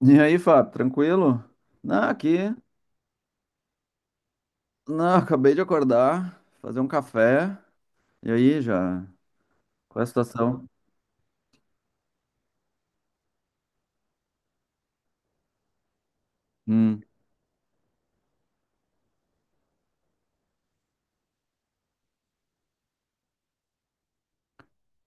E aí, Fábio, tranquilo? Não, aqui. Não, acabei de acordar, fazer um café. E aí, já? Qual é a situação? Hum.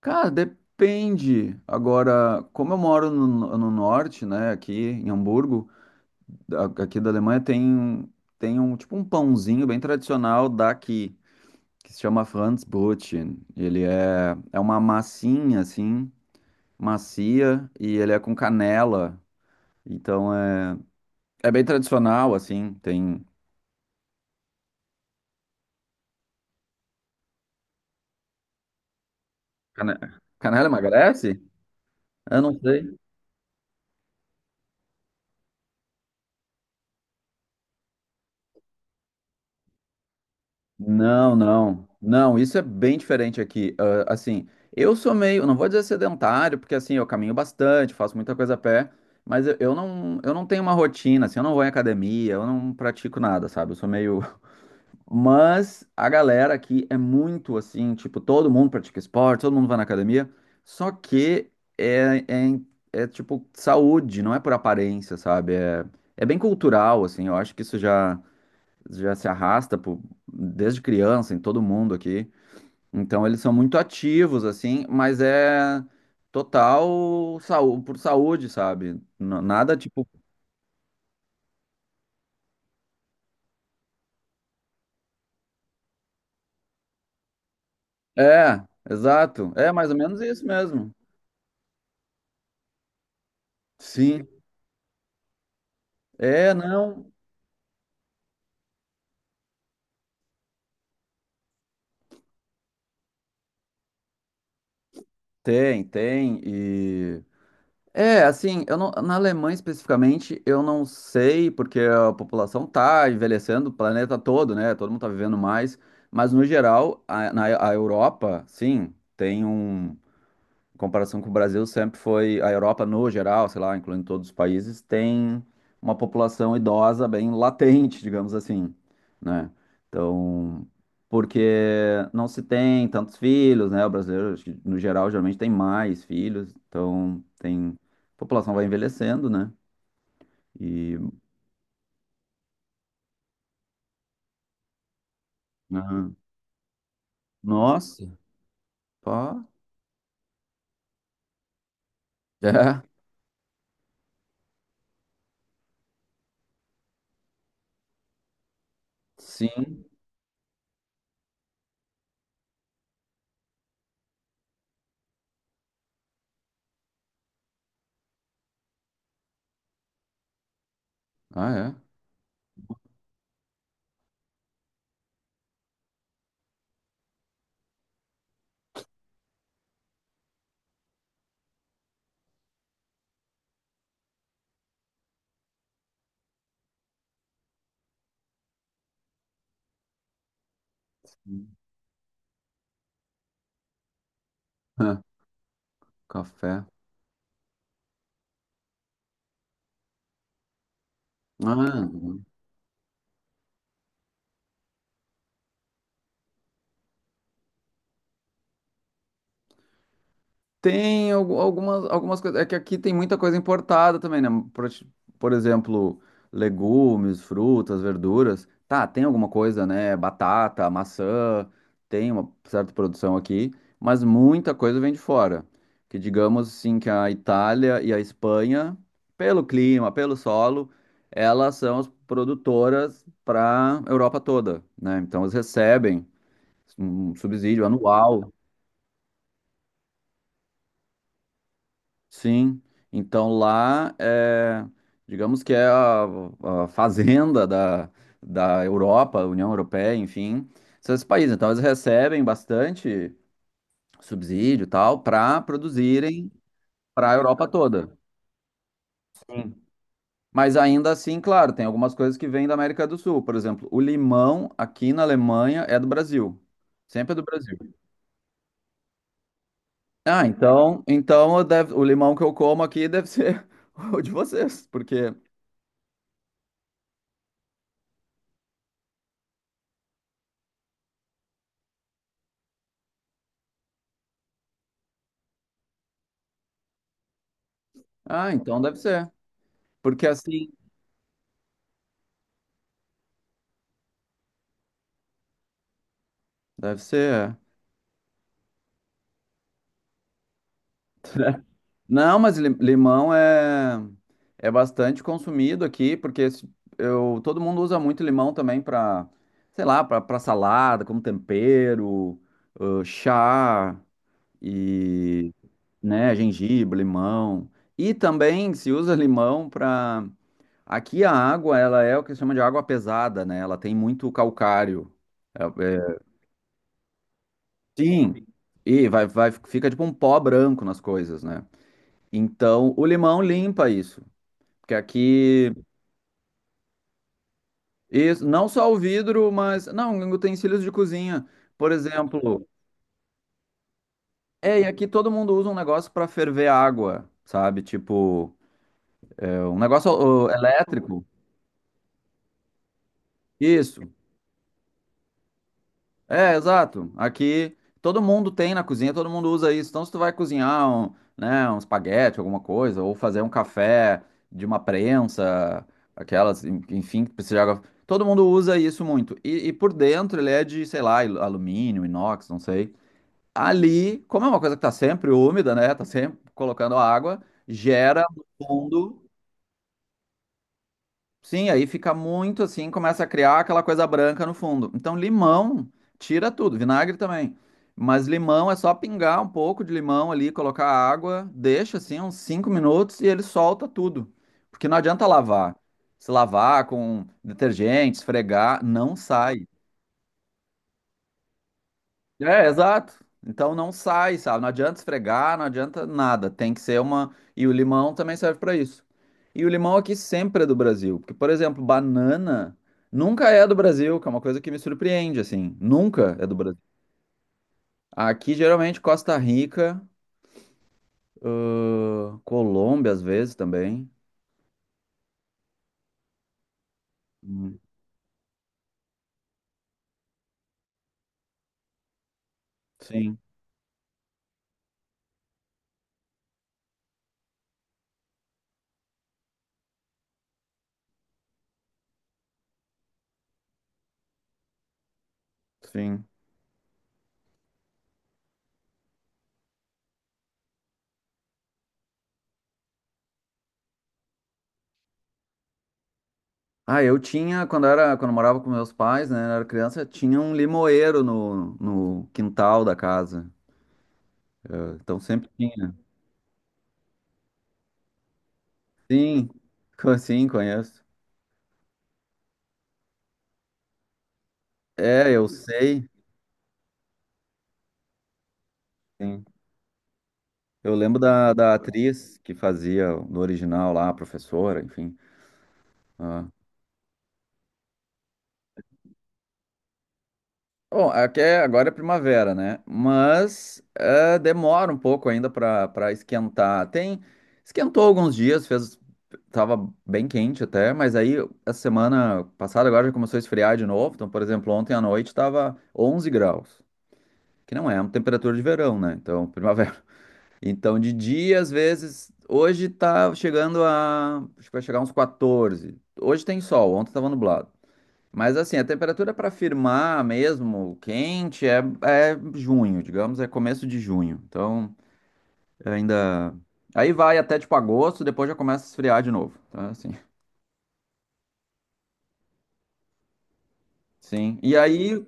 Cara, depende. Agora, como eu moro no norte, né, aqui em Hamburgo, aqui da Alemanha, tem um tipo um pãozinho bem tradicional daqui, que se chama Franzbrötchen. Ele é uma massinha, assim, macia, e ele é com canela. Então, é. É bem tradicional, assim, tem. Cane- Canela emagrece? Eu não sei. Não, não. Não, isso é bem diferente aqui. Ah, assim, eu sou meio, não vou dizer sedentário, porque assim, eu caminho bastante, faço muita coisa a pé, mas eu não tenho uma rotina, assim, eu não vou em academia, eu não pratico nada, sabe? Eu sou meio. Mas a galera aqui é muito assim, tipo, todo mundo pratica esporte, todo mundo vai na academia, só que é, é, é tipo saúde, não é por aparência, sabe? É bem cultural, assim, eu acho que isso já se arrasta desde criança em todo mundo aqui. Então eles são muito ativos, assim, mas é total saúde, por saúde, sabe? Nada tipo. É, exato. É mais ou menos isso mesmo. Sim. É, não. Tem, tem. É, assim, eu não, na Alemanha especificamente, eu não sei, porque a população tá envelhecendo, o planeta todo, né? Todo mundo tá vivendo mais, mas no geral, a, na a Europa, sim, tem um em comparação com o Brasil, sempre foi a Europa no geral, sei lá, incluindo todos os países, tem uma população idosa bem latente, digamos assim, né? Então, porque não se tem tantos filhos, né? O brasileiro, acho que, no geral, geralmente tem mais filhos, então tem a população vai envelhecendo, né? E ah, nossa, pá, é, sim, ah é. Ah, café, ah. Tem algumas coisas. É que aqui tem muita coisa importada também, né? Por, por exemplo, legumes, frutas, verduras. Tá, tem alguma coisa, né? Batata, maçã, tem uma certa produção aqui, mas muita coisa vem de fora. Que digamos assim que a Itália e a Espanha, pelo clima, pelo solo, elas são as produtoras para Europa toda, né? Então eles recebem um subsídio anual. Sim, então lá é, digamos que é a fazenda da Europa, União Europeia, enfim, esses países. Então eles recebem bastante subsídio e tal para produzirem para a Europa toda. Mas ainda assim, claro, tem algumas coisas que vêm da América do Sul. Por exemplo, o limão aqui na Alemanha é do Brasil. Sempre é do Brasil. Ah, então o limão que eu como aqui deve ser o de vocês, porque. Ah, então deve ser. Porque assim, deve ser. É. Não, mas limão é bastante consumido aqui, porque se- eu todo mundo usa muito limão também para, sei lá, para salada, como tempero, chá e, né, gengibre, limão. E também se usa limão para aqui a água, ela é o que se chama de água pesada, né? Ela tem muito calcário. É- é- Sim. E vai, fica tipo um pó branco nas coisas, né? Então, o limão limpa isso. Porque aqui, isso, não só o vidro, mas não, utensílios de cozinha. Por exemplo, e aqui todo mundo usa um negócio para ferver água, sabe? Tipo, é um negócio ó, elétrico. Isso. É, exato. Aqui todo mundo tem na cozinha, todo mundo usa isso. Então, se tu vai cozinhar um, né, um espaguete, alguma coisa, ou fazer um café de uma prensa, aquelas, enfim, que precisa de água. Todo mundo usa isso muito. E, por dentro ele é de, sei lá, alumínio, inox, não sei. Ali, como é uma coisa que tá sempre úmida, né? Tá sempre colocando água, gera no fundo. Sim, aí fica muito assim, começa a criar aquela coisa branca no fundo. Então, limão, tira tudo, vinagre também. Mas limão é só pingar um pouco de limão ali, colocar água, deixa assim uns 5 minutos e ele solta tudo. Porque não adianta lavar. Se lavar com detergente, esfregar, não sai. É, exato. Então não sai, sabe? Não adianta esfregar, não adianta nada. Tem que ser uma. E o limão também serve pra isso. E o limão aqui sempre é do Brasil. Porque, por exemplo, banana nunca é do Brasil, que é uma coisa que me surpreende, assim. Nunca é do Brasil. Aqui, geralmente, Costa Rica, Colômbia, às vezes também. Hum. Sim, sim. Ah, eu tinha, quando eu morava com meus pais, né, eu era criança, tinha um limoeiro no quintal da casa. Então sempre tinha. Sim, conheço. É, eu sei. Sim. Eu lembro da atriz que fazia no original lá, a professora, enfim. Ah. Bom, aqui agora é primavera, né? Mas é, demora um pouco ainda para esquentar. Tem, esquentou alguns dias, fez, tava bem quente até, mas aí essa semana passada agora já começou a esfriar de novo. Então, por exemplo, ontem à noite tava 11 graus, que não é uma temperatura de verão, né? Então, primavera. Então, de dia, às vezes, hoje tá chegando a, acho que vai chegar uns 14. Hoje tem sol, ontem tava nublado. Mas assim, a temperatura para firmar mesmo, quente, é junho, digamos, é começo de junho. Então, ainda aí vai até tipo agosto, depois já começa a esfriar de novo, tá? Assim. Sim. E aí,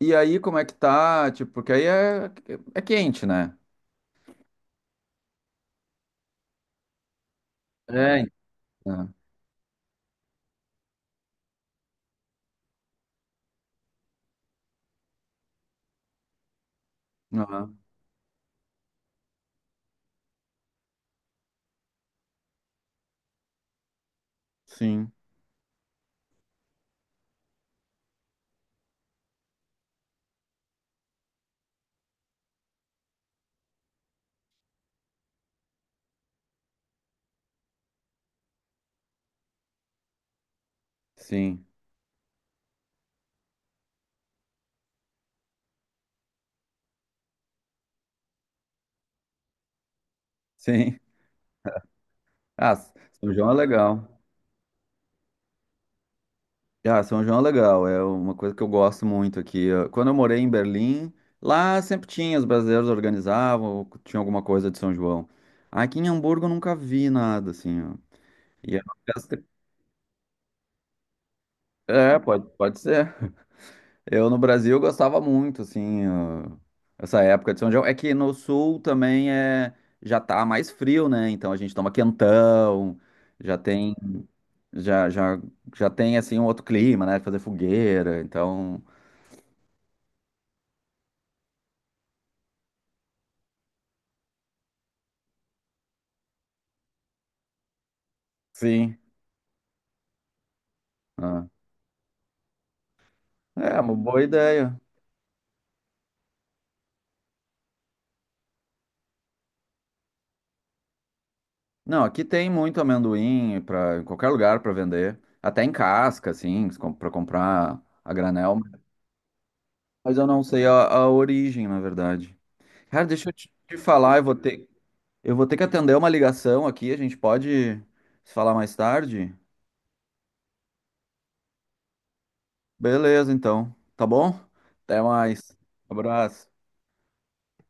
e aí como é que tá? Tipo, porque aí é quente, né? É. É. Aham. Sim, sim, sim. Ah, São João é legal. Ah, São João é legal, é uma coisa que eu gosto muito aqui. Quando eu morei em Berlim, lá sempre tinha, os brasileiros organizavam, tinha alguma coisa de São João. Aqui em Hamburgo eu nunca vi nada, assim, ó. E é. Uma festa- é, pode, pode ser. Eu no Brasil gostava muito, assim, ó, essa época de São João. É que no sul também é, já tá mais frio, né? Então a gente toma quentão, já tem, já, já, já tem, assim, um outro clima, né? Fazer fogueira, então, sim. É, uma boa ideia. Não, aqui tem muito amendoim para em qualquer lugar para vender, até em casca, assim, para comprar a granel. Mas eu não sei a origem, na verdade. Cara, deixa eu te falar, eu vou ter que atender uma ligação aqui. A gente pode se falar mais tarde? Beleza, então. Tá bom? Até mais. Abraço.